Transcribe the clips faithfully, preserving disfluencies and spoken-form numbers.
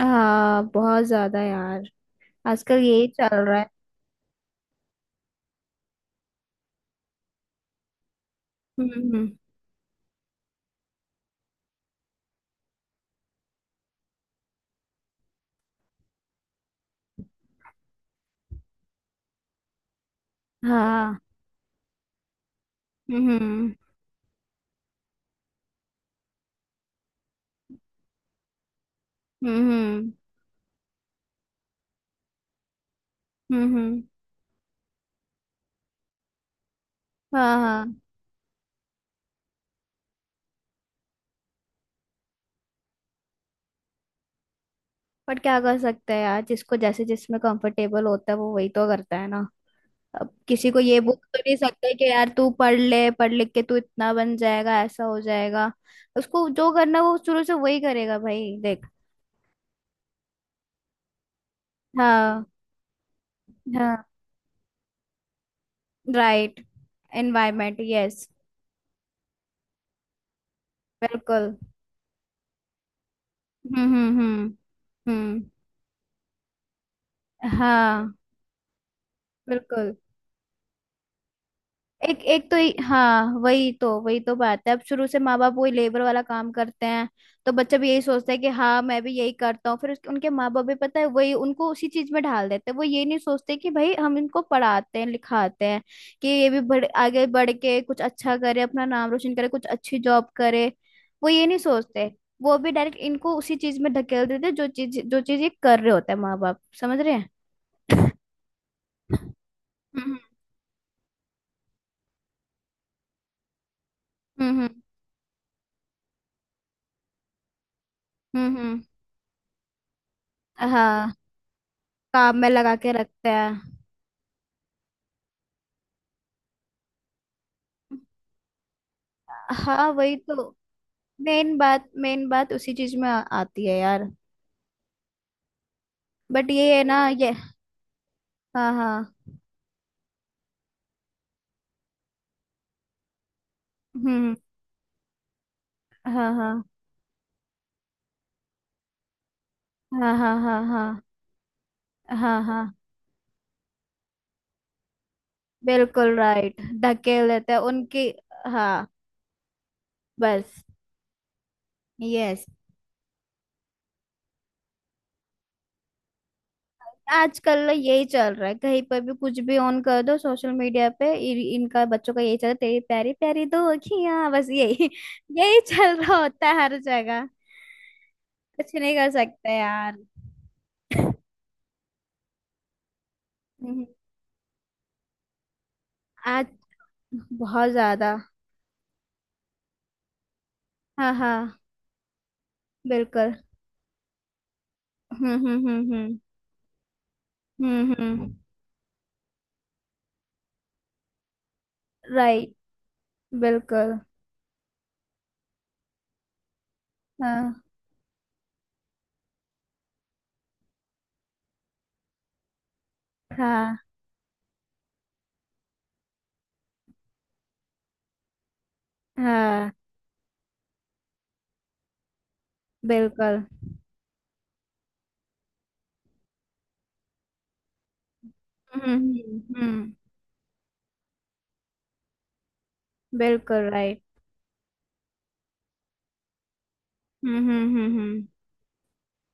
हाँ, बहुत ज्यादा यार। आजकल यही चल रहा है। हम्म, हम्म। हाँ। हम्म, हम्म, हम्म, हम्म, हाँ, हाँ। पर क्या कर सकते हैं यार, जिसको जैसे जिसमें कंफर्टेबल होता है वो वही तो करता है ना। अब किसी को ये बोल तो नहीं सकते कि यार तू पढ़ ले, पढ़ लिख के तू इतना बन जाएगा, ऐसा हो जाएगा। उसको जो करना वो शुरू से वही करेगा भाई, देख। हाँ, हाँ। राइट। Environment, yes. बिल्कुल। हम्म, हम्म, हम्म, हम्म। हाँ। बिल्कुल। एक एक तो ये- हाँ, वही तो वही तो बात है। अब शुरू से माँ बाप वही लेबर वाला काम करते हैं। तो बच्चा भी यही सोचता है कि हाँ मैं भी यही करता हूँ, फिर उसके उनके माँ बाप भी पता है वही उनको उसी चीज में ढाल देते हैं। वो ये नहीं सोचते कि भाई हम इनको पढ़ाते हैं लिखाते हैं, कि ये भी बढ़ आगे बढ़ के कुछ अच्छा करे, अपना नाम रोशन करे, कुछ अच्छी जॉब करे। वो ये नहीं सोचते। वो भी डायरेक्ट इनको उसी चीज में धकेल देते हैं, जो चीज जो चीज ये कर रहे होते हैं माँ बाप समझ रहे हैं। हम्म, हम्म, हम्म, हम्म, हम्म। हाँ। काम में लगा के रखते हैं। हाँ, वही तो। मेन बात मेन बात उसी चीज में आ, आती है यार। बट ये है ना ये। हाँ, हाँ। हम्म। हाँ हाँ, हाँ, हाँ। हाँ, हाँ, हाँ, हाँ। बिल्कुल राइट, धकेल देते हैं उनकी। हाँ। बस। यस। आजकल यही चल रहा है, कहीं पर भी कुछ भी ऑन कर दो सोशल मीडिया पे इ- इनका बच्चों का यही चल रहा है। तेरी प्यारी प्यारी दो अखियां, बस यही यही चल रहा होता है हर जगह। कुछ नहीं कर सकते यार। हम्म, आज बहुत ज्यादा। हाँ, हाँ। बिल्कुल। हम्म, हम्म, हम्म, हम्म, हम्म, हम्म। राइट। बिल्कुल। हाँ, हाँ, हाँ। बिल्कुल। हम्म, हम्म, हम्म। बिल्कुल राइट। हम्म, हम्म, हम्म, हम्म,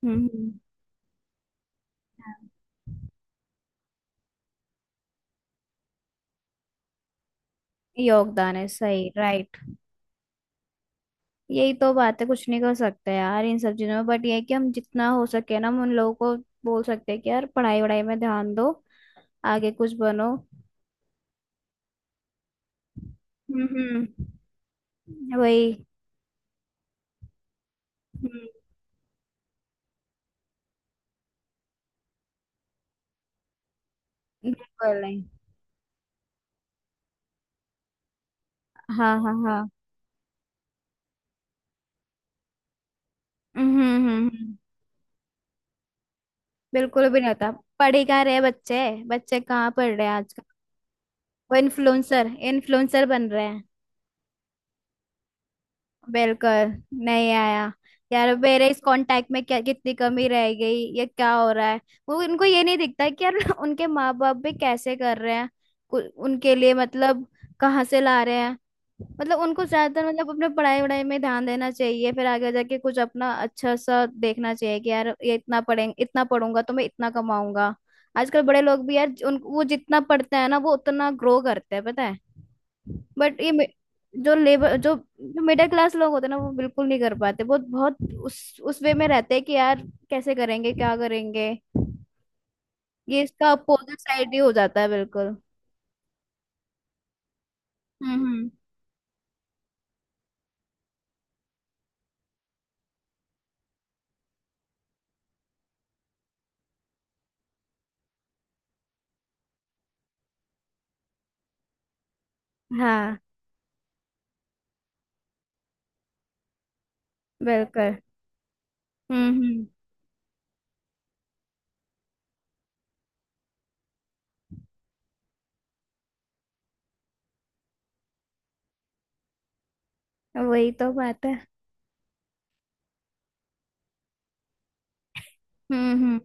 हम्म, हम्म। हाँ। योगदान है, सही, राइट। यही तो बात है, कुछ नहीं कर सकते यार इन सब चीजों में। बट ये है कि हम जितना हो सके ना हम उन लोगों को बोल सकते हैं कि यार पढ़ाई वढ़ाई में ध्यान दो, आगे कुछ बनो। हम्म, हम्म, वही। हम्म, बिल्कुल नहीं। हाँ, हाँ, हाँ। हम्म, हम्म, हम्म, हम्म। बिल्कुल भी नहीं होता। पढ़ ही कहाँ रहे बच्चे, बच्चे कहाँ पढ़ रहे हैं आजकल। वो इन्फ्लुएंसर इन्फ्लुएंसर बन रहे। बिल्कुल, नहीं आया। यार मेरे इस कांटेक्ट में क्या कितनी कमी रह गई, ये क्या हो रहा है। वो उनको ये नहीं दिखता कि यार उनके माँ बाप भी कैसे कर रहे हैं। कु- उनके लिए मतलब कहाँ से ला रहे हैं। मतलब उनको ज्यादातर मतलब अपने पढ़ाई वढ़ाई में ध्यान देना चाहिए, फिर आगे जाके कुछ अपना अच्छा सा देखना चाहिए कि यार ये इतना पढ़ें इतना पढ़ूंगा तो मैं इतना कमाऊंगा। आजकल बड़े लोग भी यार, उन वो जितना पढ़ते हैं ना वो उतना ग्रो करते हैं पता है। बट ये मे- जो लेबर जो जो मिडिल क्लास लोग होते हैं ना वो बिल्कुल नहीं कर पाते, बहुत बहुत उस उस वे में रहते हैं कि यार कैसे करेंगे क्या करेंगे। ये इसका अपोजिट साइड ही हो जाता है बिल्कुल। हम्म, हम्म। हाँ, बिल्कुल। हम्म, हम्म। वही तो बात है। हम्म, हम्म,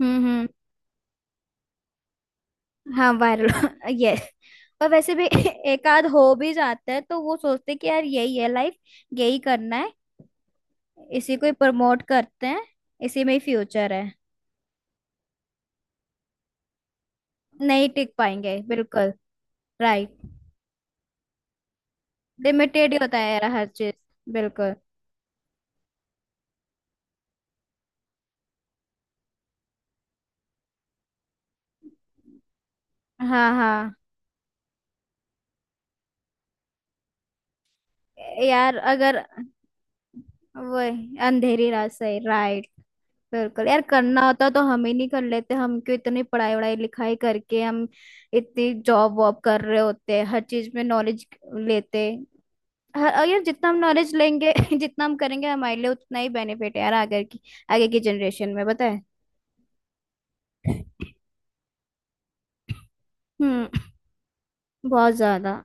हम्म, हम्म। हाँ, वायरल। यस और वैसे भी एक आध हो भी जाता है तो वो सोचते हैं कि यार यही है लाइफ, यही करना है, इसी को ही प्रमोट करते हैं, इसी में ही फ्यूचर है। नहीं टिक पाएंगे बिल्कुल। राइट। लिमिटेड ही होता है यार हर चीज, बिल्कुल। हाँ, हाँ, यार अगर वही अंधेरी रात, सही, राइट। बिल्कुल यार, करना होता तो हम ही नहीं कर लेते? हम क्यों इतनी पढ़ाई वढ़ाई लिखाई करके हम इतनी जॉब वॉब कर रहे होते हैं, हर चीज में नॉलेज लेते। हर, और यार जितना हम नॉलेज लेंगे जितना हम करेंगे हमारे लिए उतना ही बेनिफिट है यार, आगे की आगे की जनरेशन में बताए। हम्म, बहुत ज्यादा।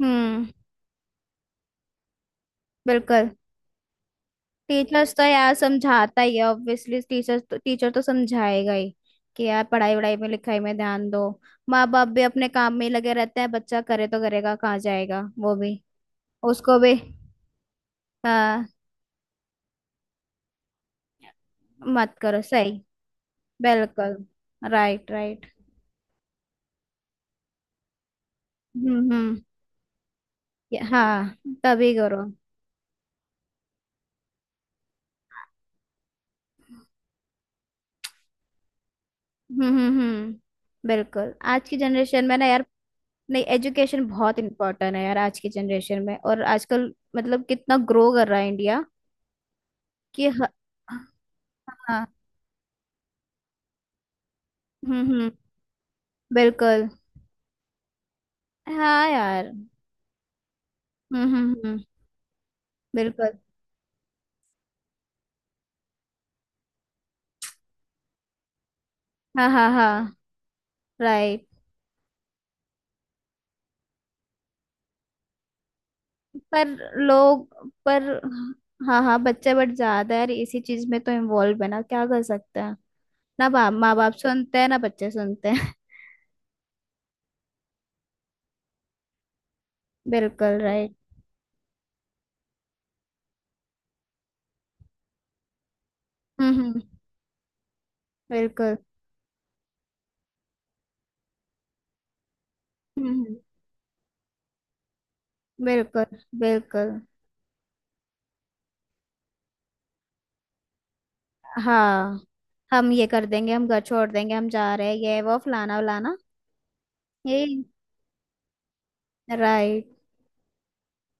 हम्म, बिल्कुल। टीचर्स तो यार समझाता ही है ऑब्वियसली, टीचर्स तो, टीचर तो समझाएगा ही कि यार पढ़ाई वढ़ाई में लिखाई में ध्यान दो। माँ बाप भी अपने काम में ही लगे रहते हैं, बच्चा करे तो करेगा कहाँ जाएगा वो भी, उसको भी। हाँ, मत करो, सही। बिल्कुल, राइट, राइट। हम्म, हम्म, ये- हाँ, तभी करो। हम्म, हम्म, हम्म। बिल्कुल, आज की जनरेशन में ना यार, नहीं, एजुकेशन बहुत इंपॉर्टेंट है यार आज की जनरेशन में। और आजकल मतलब कितना ग्रो कर रहा है इंडिया कि ह- हाँ। हम्म, हम्म। बिल्कुल। हाँ यार। हम्म, हम्म, हम्म। बिल्कुल। हाँ, हाँ, हाँ। राइट। पर, लोग, पर हाँ, हाँ, बच्चे, बट ज्यादा यार इसी चीज में तो इन्वॉल्व है ना, क्या कर सकते हैं? ना बाप माँ बाप सुनते हैं ना बच्चे सुनते हैं। बिल्कुल, राइट। हम्म, हम्म, बिल्कुल। हम्म, हम्म, बिल्कुल। बिल्कुल। हाँ, हम ये कर देंगे हम घर छोड़ देंगे हम जा रहे हैं, ये वो फलाना वलाना। यही। राइट।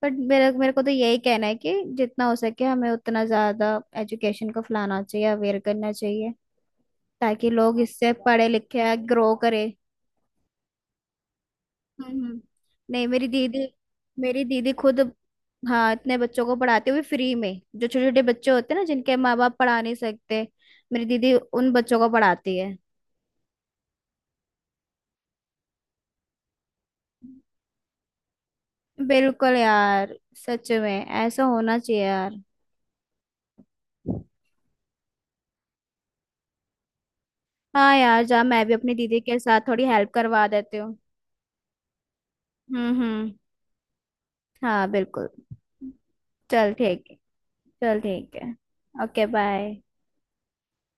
बट मेरे मेरे को तो यही कहना है कि जितना हो सके हमें उतना ज्यादा एजुकेशन को फैलाना चाहिए, अवेयर करना चाहिए, ताकि लोग इससे पढ़े लिखे ग्रो करे। हम्म, हम्म। नहीं, मेरी दीदी, मेरी दीदी खुद, हाँ, इतने बच्चों को पढ़ाते हुए फ्री में, जो छोटे छोटे बच्चे होते हैं ना जिनके माँ बाप पढ़ा नहीं सकते, मेरी दीदी उन बच्चों को पढ़ाती है। बिल्कुल यार, सच में ऐसा होना चाहिए यार। हाँ यार, जा, मैं भी अपनी दीदी के साथ थोड़ी हेल्प करवा देती हूँ। हम्म, हम्म, हाँ, बिल्कुल। चल ठीक है। चल ठीक है। Okay, bye.